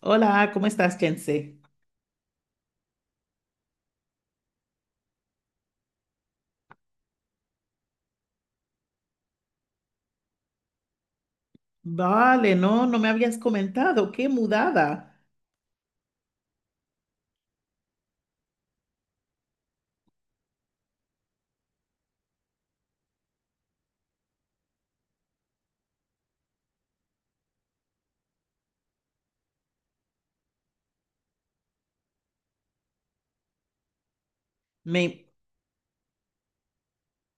Hola, ¿cómo estás, Jense? Vale, no me habías comentado, qué mudada. Me,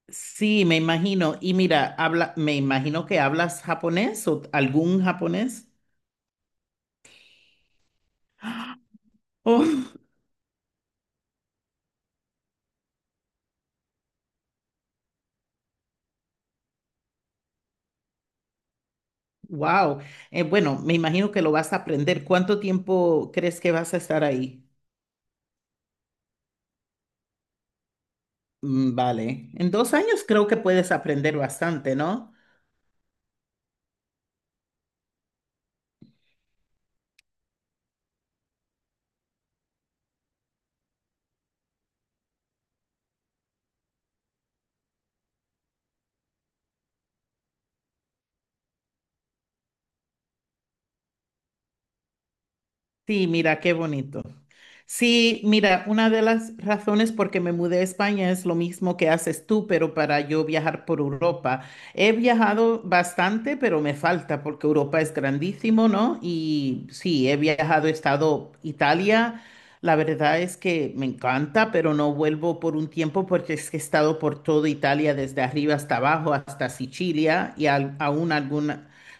sí, me imagino. Y mira, me imagino que hablas japonés o algún japonés. Oh, wow. Bueno, me imagino que lo vas a aprender. ¿Cuánto tiempo crees que vas a estar ahí? Mm, vale, en 2 años creo que puedes aprender bastante, ¿no? Sí, mira, qué bonito. Sí, mira, una de las razones por que me mudé a España es lo mismo que haces tú, pero para yo viajar por Europa. He viajado bastante, pero me falta porque Europa es grandísimo, ¿no? Y sí, he viajado, he estado Italia. La verdad es que me encanta, pero no vuelvo por un tiempo porque es que he estado por toda Italia, desde arriba hasta abajo, hasta Sicilia y aún algún.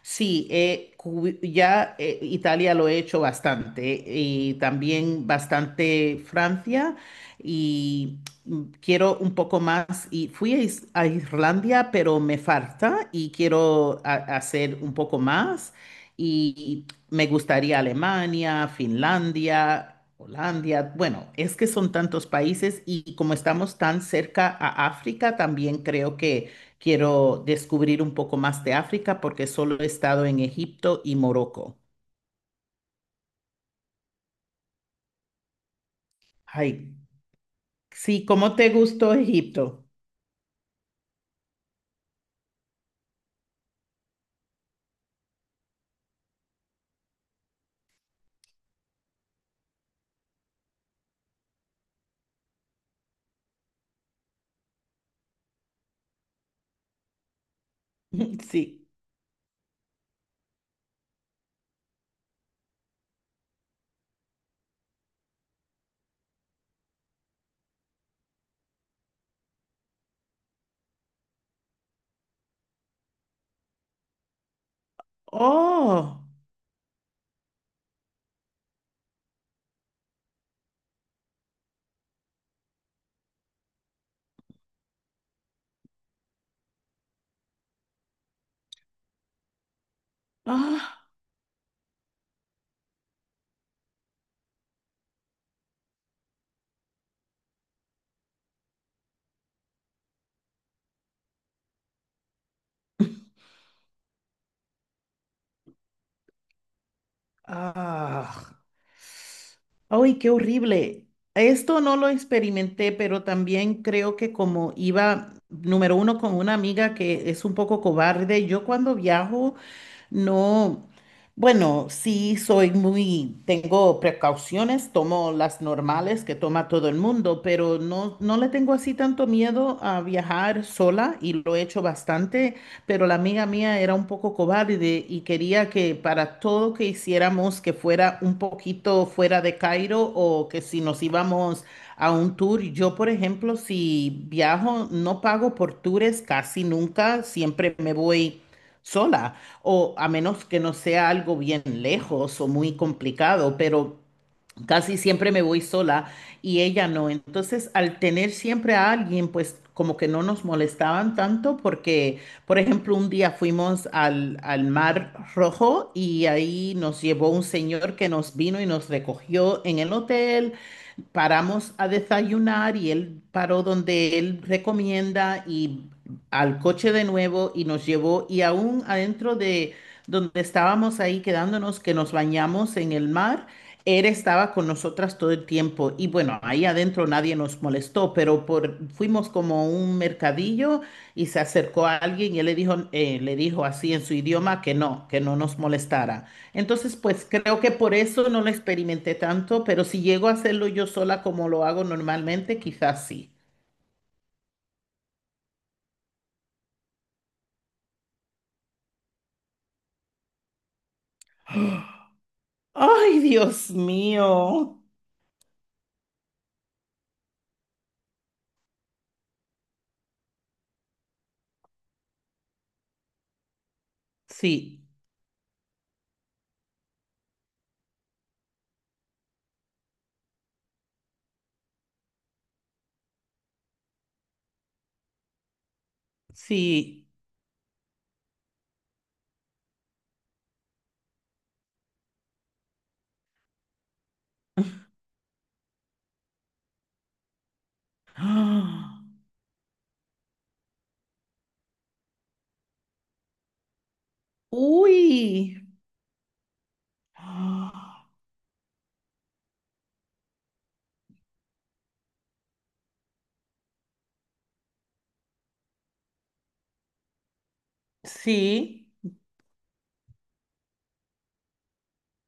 Sí, ya, Italia lo he hecho bastante y también bastante Francia y mm, quiero un poco más y fui a, a Irlanda, pero me falta y quiero hacer un poco más y me gustaría Alemania, Finlandia. Holanda, bueno, es que son tantos países y como estamos tan cerca a África, también creo que quiero descubrir un poco más de África porque solo he estado en Egipto y Morocco. Ay, sí, ¿cómo te gustó Egipto? Sí. Oh, ah, ah. ¡Ay, qué horrible! Esto no lo experimenté, pero también creo que como iba, número 1, con una amiga que es un poco cobarde, yo cuando viajo no, bueno, sí soy muy, tengo precauciones, tomo las normales que toma todo el mundo, pero no le tengo así tanto miedo a viajar sola y lo he hecho bastante, pero la amiga mía era un poco cobarde y quería que para todo que hiciéramos que fuera un poquito fuera de Cairo o que si nos íbamos a un tour. Yo, por ejemplo, si viajo, no pago por tours casi nunca, siempre me voy sola o a menos que no sea algo bien lejos o muy complicado, pero... casi siempre me voy sola y ella no. Entonces, al tener siempre a alguien, pues como que no nos molestaban tanto porque, por ejemplo, un día fuimos al Mar Rojo y ahí nos llevó un señor que nos vino y nos recogió en el hotel. Paramos a desayunar y él paró donde él recomienda y al coche de nuevo y nos llevó y aún adentro de donde estábamos ahí quedándonos, que nos bañamos en el mar, él estaba con nosotras todo el tiempo y bueno, ahí adentro nadie nos molestó, pero por, fuimos como a un mercadillo y se acercó a alguien y él le dijo así en su idioma que no nos molestara. Entonces, pues creo que por eso no lo experimenté tanto, pero si llego a hacerlo yo sola como lo hago normalmente, quizás sí. Ay, Dios mío. Sí, sí. ¡Ah! Uy. ¡Ah! Sí.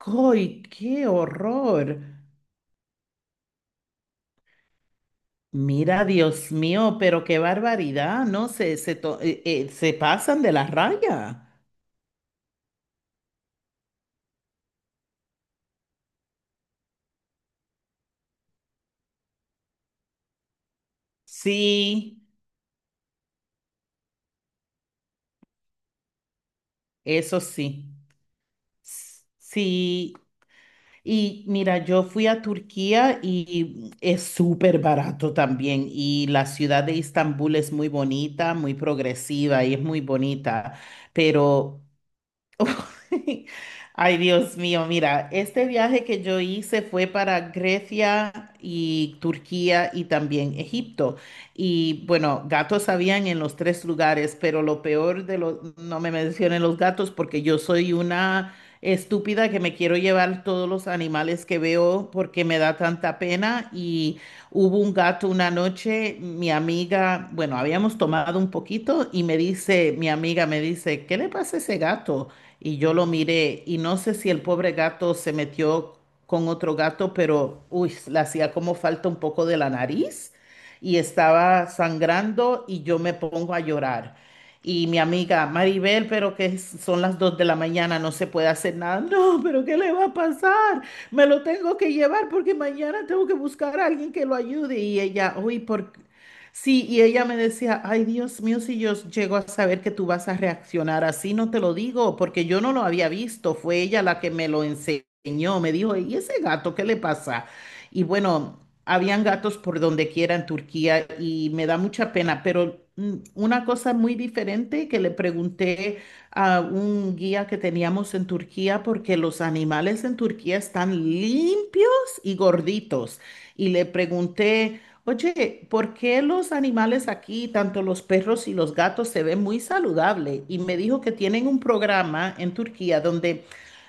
¡Ay, qué horror! Mira, Dios mío, pero qué barbaridad, ¿no? Se pasan de la raya. Sí, eso sí. Sí, y mira, yo fui a Turquía y es súper barato también. Y la ciudad de Estambul es muy bonita, muy progresiva y es muy bonita. Pero ay, Dios mío, mira, este viaje que yo hice fue para Grecia y Turquía y también Egipto. Y bueno, gatos habían en los tres lugares, pero lo peor de los, no me mencionen los gatos porque yo soy una estúpida que me quiero llevar todos los animales que veo porque me da tanta pena. Y hubo un gato una noche, mi amiga, bueno, habíamos tomado un poquito y me dice, mi amiga me dice, ¿qué le pasa a ese gato? Y yo lo miré y no sé si el pobre gato se metió con otro gato, pero uy, le hacía como falta un poco de la nariz y estaba sangrando y yo me pongo a llorar. Y mi amiga Maribel, pero son las 2 de la mañana, no se puede hacer nada. No, pero ¿qué le va a pasar? Me lo tengo que llevar porque mañana tengo que buscar a alguien que lo ayude. Y ella, uy, ¿por, qué? Sí, y ella me decía, ay Dios mío, si yo llego a saber que tú vas a reaccionar así, no te lo digo, porque yo no lo había visto, fue ella la que me lo enseñó, me dijo, ¿y ese gato qué le pasa? Y bueno, habían gatos por donde quiera en Turquía y me da mucha pena, pero mm, una cosa muy diferente que le pregunté a un guía que teníamos en Turquía, porque los animales en Turquía están limpios y gorditos, y le pregunté... Oye, ¿por qué los animales aquí, tanto los perros y los gatos, se ven muy saludables? Y me dijo que tienen un programa en Turquía donde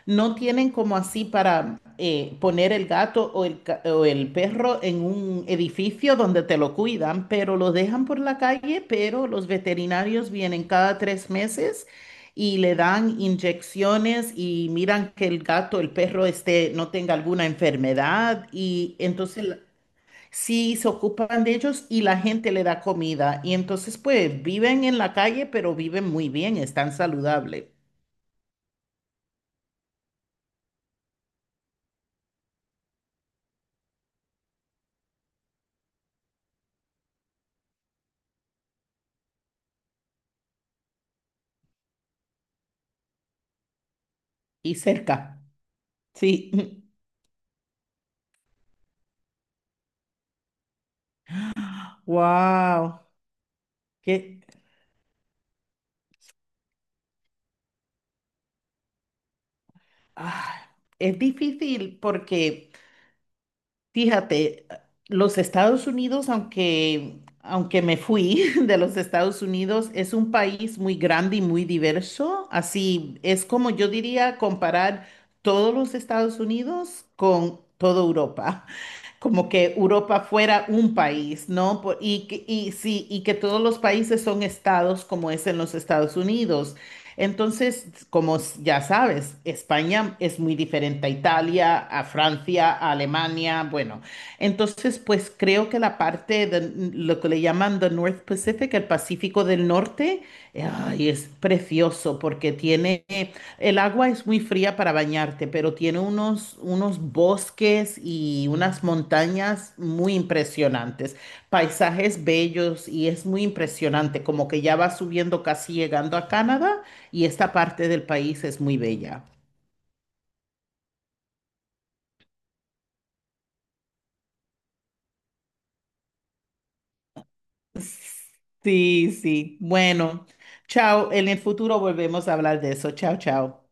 no tienen como así para poner el gato o el, o el perro en un edificio donde te lo cuidan, pero lo dejan por la calle, pero los veterinarios vienen cada 3 meses y le dan inyecciones y miran que el gato, el perro, este, no tenga alguna enfermedad y entonces... Sí, se ocupan de ellos y la gente le da comida. Y entonces, pues, viven en la calle, pero viven muy bien, están saludables y cerca. Sí. Wow. que Es difícil porque, fíjate, los Estados Unidos, aunque, aunque me fui de los Estados Unidos, es un país muy grande y muy diverso. Así es como yo diría comparar todos los Estados Unidos con toda Europa. Como que Europa fuera un país, ¿no? Y, y, sí, y que todos los países son estados como es en los Estados Unidos. Entonces, como ya sabes, España es muy diferente a Italia, a Francia, a Alemania, bueno. Entonces, pues creo que la parte de lo que le llaman the North Pacific, el Pacífico del Norte, ay, es precioso porque tiene el agua es muy fría para bañarte, pero tiene unos, unos bosques y unas montañas muy impresionantes, paisajes bellos y es muy impresionante, como que ya vas subiendo casi llegando a Canadá y esta parte del país es muy bella. Sí, sí. Bueno, chao. En el futuro volvemos a hablar de eso. Chao, chao.